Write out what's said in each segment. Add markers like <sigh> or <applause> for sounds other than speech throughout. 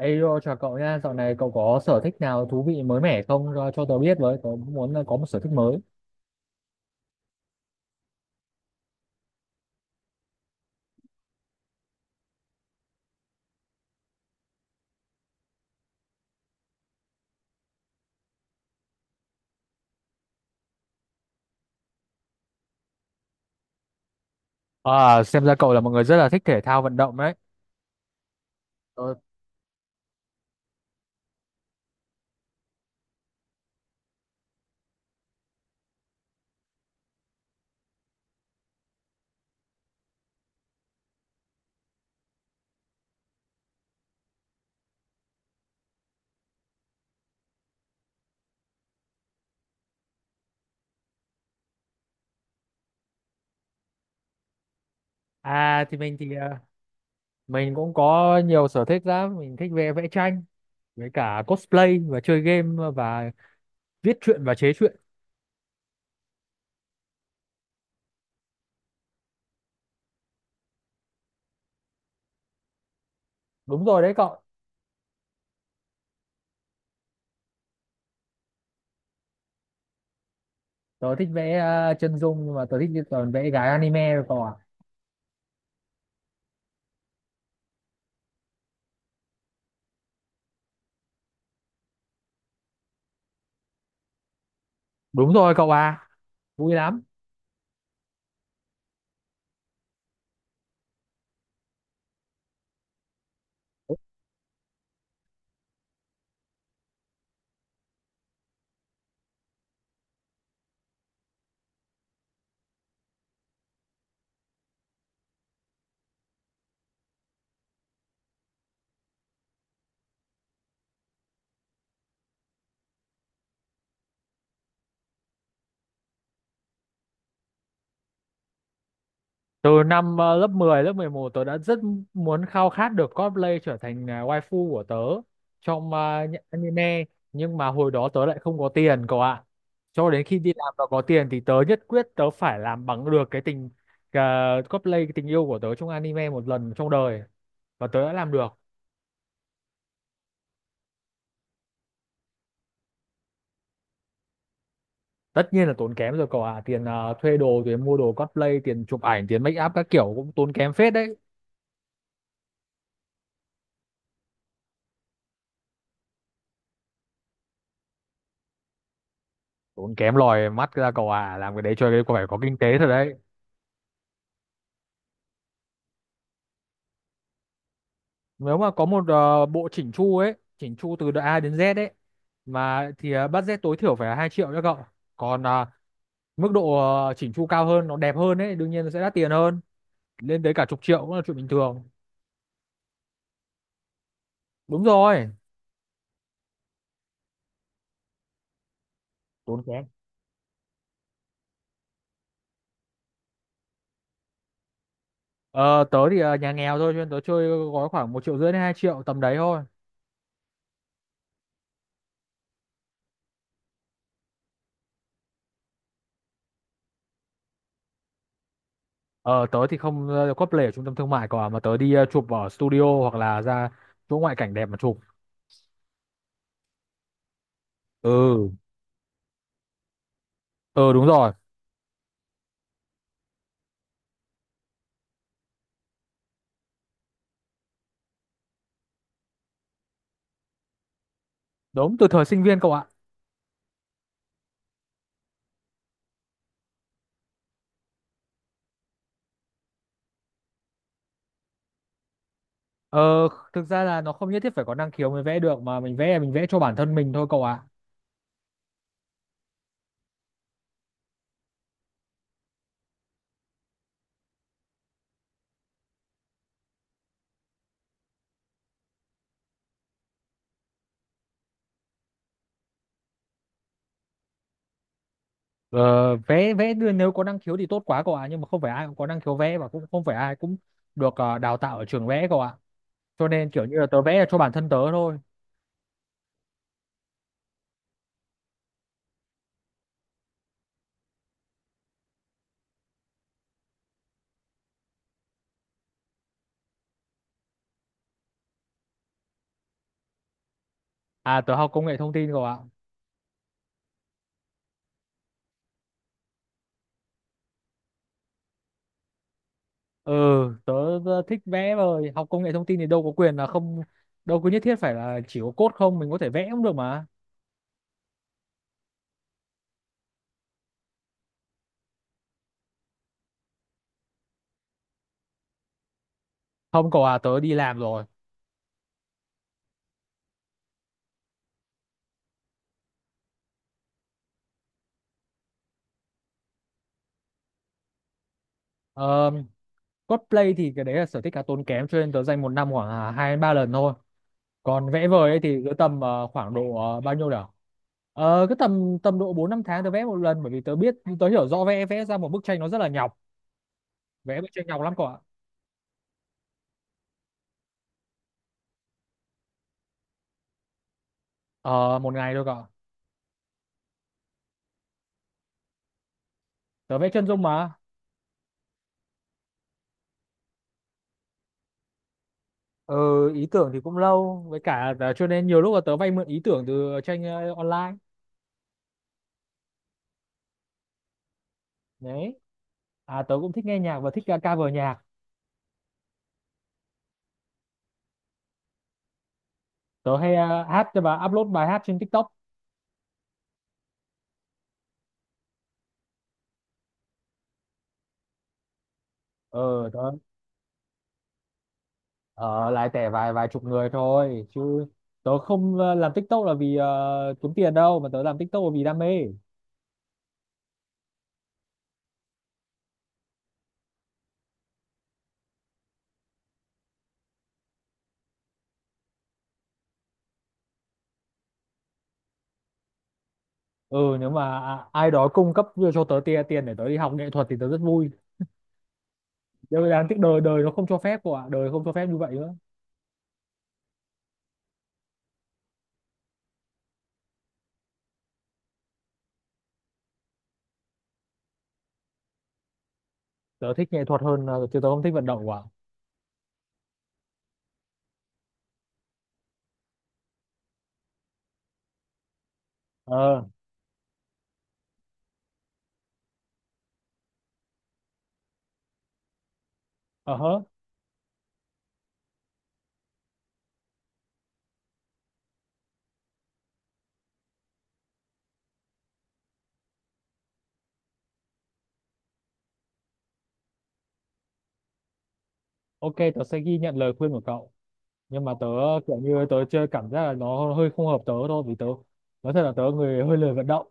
Ê, yo, chào cậu nha, dạo này cậu có sở thích nào thú vị mới mẻ không cho tớ biết với, tớ cũng muốn là có một sở thích mới. À, xem ra cậu là một người rất là thích thể thao vận động đấy. Ờ. À thì mình thì à, Mình cũng có nhiều sở thích lắm, mình thích vẽ vẽ tranh với cả cosplay và chơi game và viết truyện và chế truyện. Đúng rồi đấy cậu. Tớ thích vẽ chân dung nhưng mà tớ thích toàn vẽ gái anime rồi cậu ạ. Đúng rồi cậu à, vui lắm. Từ năm lớp 10, lớp 11 tớ đã rất muốn khao khát được cosplay trở thành waifu của tớ trong những anime nhưng mà hồi đó tớ lại không có tiền cậu ạ. Cho đến khi đi làm và có tiền thì tớ nhất quyết tớ phải làm bằng được cái tình ờ, cosplay cái tình yêu của tớ trong anime một lần trong đời và tớ đã làm được. Tất nhiên là tốn kém rồi cậu ạ, tiền thuê đồ, tiền mua đồ cosplay, tiền chụp ảnh, tiền make up các kiểu cũng tốn kém phết đấy. Tốn kém lòi mắt ra cậu ạ, làm cái đấy cho cái phải có kinh tế thật đấy. Nếu mà có một bộ chỉnh chu ấy chỉnh chu từ đợt A đến Z ấy mà thì budget tối thiểu phải là 2 triệu cho cậu, còn mức độ chỉnh chu cao hơn nó đẹp hơn ấy đương nhiên nó sẽ đắt tiền hơn, lên tới cả chục triệu cũng là chuyện bình thường. Đúng rồi. Tốn kém. Ờ, Tớ thì nhà nghèo thôi cho nên tớ chơi gói khoảng một triệu rưỡi đến hai triệu tầm đấy thôi. Ờ, Tớ thì không cosplay ở trung tâm thương mại cả mà tớ đi chụp ở studio hoặc là ra chỗ ngoại cảnh đẹp mà chụp. Ừ. Ừ đúng rồi. Đúng từ thời sinh viên cậu ạ. Ờ, thực ra là nó không nhất thiết phải có năng khiếu mới vẽ được mà mình vẽ là mình vẽ cho bản thân mình thôi cậu ạ. Ờ, vẽ vẽ đưa- nếu có năng khiếu thì tốt quá cậu ạ, nhưng mà không phải ai cũng có năng khiếu vẽ và cũng không phải ai cũng được đào tạo ở trường vẽ cậu ạ. Cho nên kiểu như là tớ vẽ là cho bản thân tớ thôi. À tớ học công nghệ thông tin cậu ạ. Ừ, tớ, Tớ thích vẽ rồi, học công nghệ thông tin thì đâu có quyền là không đâu có nhất thiết phải là chỉ có code không, mình có thể vẽ cũng được mà. Không cậu ạ, tớ đi làm rồi. Ờ, cosplay thì cái đấy là sở thích khá tốn kém cho nên tớ dành một năm khoảng hai đến ba lần thôi, còn vẽ vời ấy thì cứ tầm khoảng độ bao nhiêu nhỉ. Cứ tầm tầm độ bốn năm tháng tớ vẽ một lần bởi vì tớ biết tớ hiểu rõ vẽ vẽ ra một bức tranh nó rất là nhọc, vẽ bức tranh nhọc lắm cậu ạ. Ờ, Một ngày thôi cậu ạ. Tớ vẽ chân dung mà. Ờ, ý tưởng thì cũng lâu với cả là cho nên nhiều lúc là tớ vay mượn ý tưởng từ tranh online đấy. À tớ cũng thích nghe nhạc và thích cover nhạc. Tớ hay hát và upload bài hát trên TikTok. Ờ tớ Ờ, lại tẻ vài vài chục người thôi chứ tớ không làm TikTok là vì kiếm tiền đâu mà tớ làm TikTok là vì đam mê. Ừ nếu mà ai đó cung cấp cho tớ tiền tiền để tớ đi học nghệ thuật thì tớ rất vui, nhưng mà đáng tiếc đời đời nó không cho phép của ạ, đời không cho phép như vậy nữa. Tớ thích nghệ thuật hơn, chứ tớ không thích vận động quá. Ờ. Ờ hớ. OK tớ sẽ ghi nhận lời khuyên của cậu, nhưng mà tớ kiểu như tớ chơi cảm giác là nó hơi không hợp tớ thôi vì tớ nói thật là tớ người hơi lười vận động.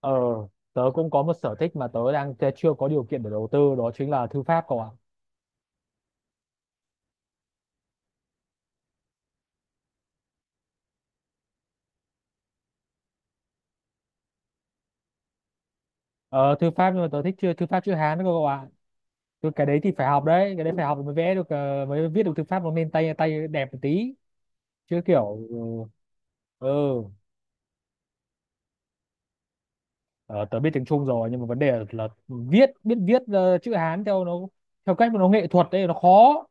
Ờ, tớ cũng có một sở thích mà tớ chưa có điều kiện để đầu tư đó chính là thư pháp cậu ạ. Ờ, thư pháp nhưng mà tớ thích chưa thư pháp chữ Hán đó cậu ạ. Chứ cái đấy thì phải học đấy, cái đấy phải học mới vẽ được, mới viết được thư pháp nó nên tay tay đẹp một tí. Chứ kiểu ừ. Ừ. Ờ, tớ biết tiếng Trung rồi nhưng mà vấn đề là biết viết chữ Hán theo cách mà nó nghệ thuật đấy nó khó.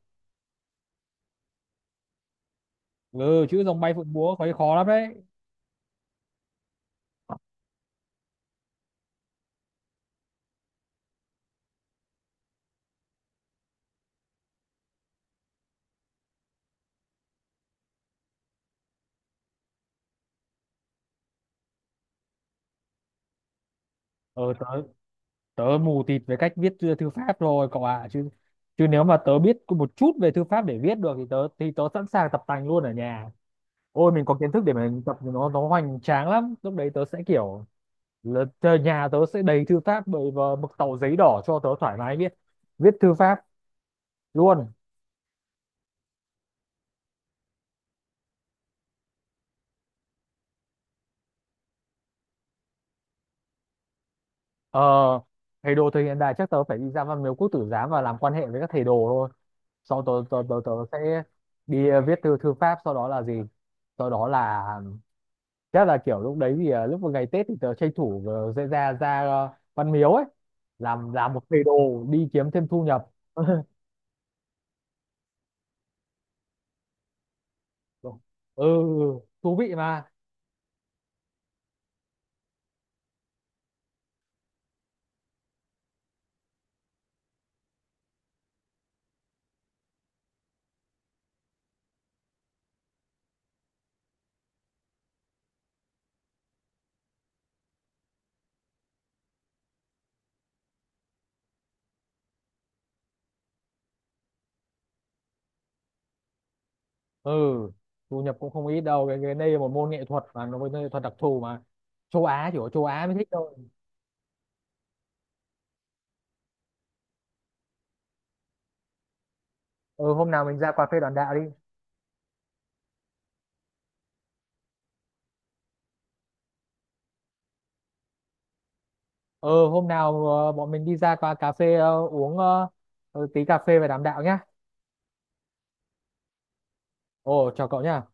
Ừ, chữ rồng bay phượng múa khó khó lắm đấy. Ờ tớ, tớ mù tịt về cách viết thư thư pháp rồi cậu ạ, chứ chứ nếu mà tớ biết có một chút về thư pháp để viết được thì tớ sẵn sàng tập tành luôn ở nhà. Ôi mình có kiến thức để mình tập thì nó hoành tráng lắm, lúc đấy tớ sẽ kiểu là nhà tớ sẽ đầy thư pháp bởi và mực tàu giấy đỏ cho tớ thoải mái viết viết thư pháp luôn. Ờ, thầy đồ thời hiện đại chắc tớ phải đi ra Văn Miếu Quốc Tử Giám và làm quan hệ với các thầy đồ thôi. Sau tớ sẽ đi viết thư thư pháp, sau đó là gì, sau đó là chắc là kiểu lúc đấy thì lúc vào ngày Tết thì tớ tranh thủ sẽ ra ra Văn Miếu ấy, làm một thầy đồ đi kiếm thêm thu nhập <laughs> ừ. Ừ, thú vị mà. Ừ thu nhập cũng không ít đâu, cái đây là một môn nghệ thuật mà nó một môn nghệ thuật đặc thù mà châu Á chỉ có châu Á mới thích thôi. Ừ hôm nào mình ra cà phê đoàn đạo đi. Ừ hôm nào bọn mình đi ra qua cà phê uống tí cà phê và đàm đạo nhá. Ồ chào cậu nhá.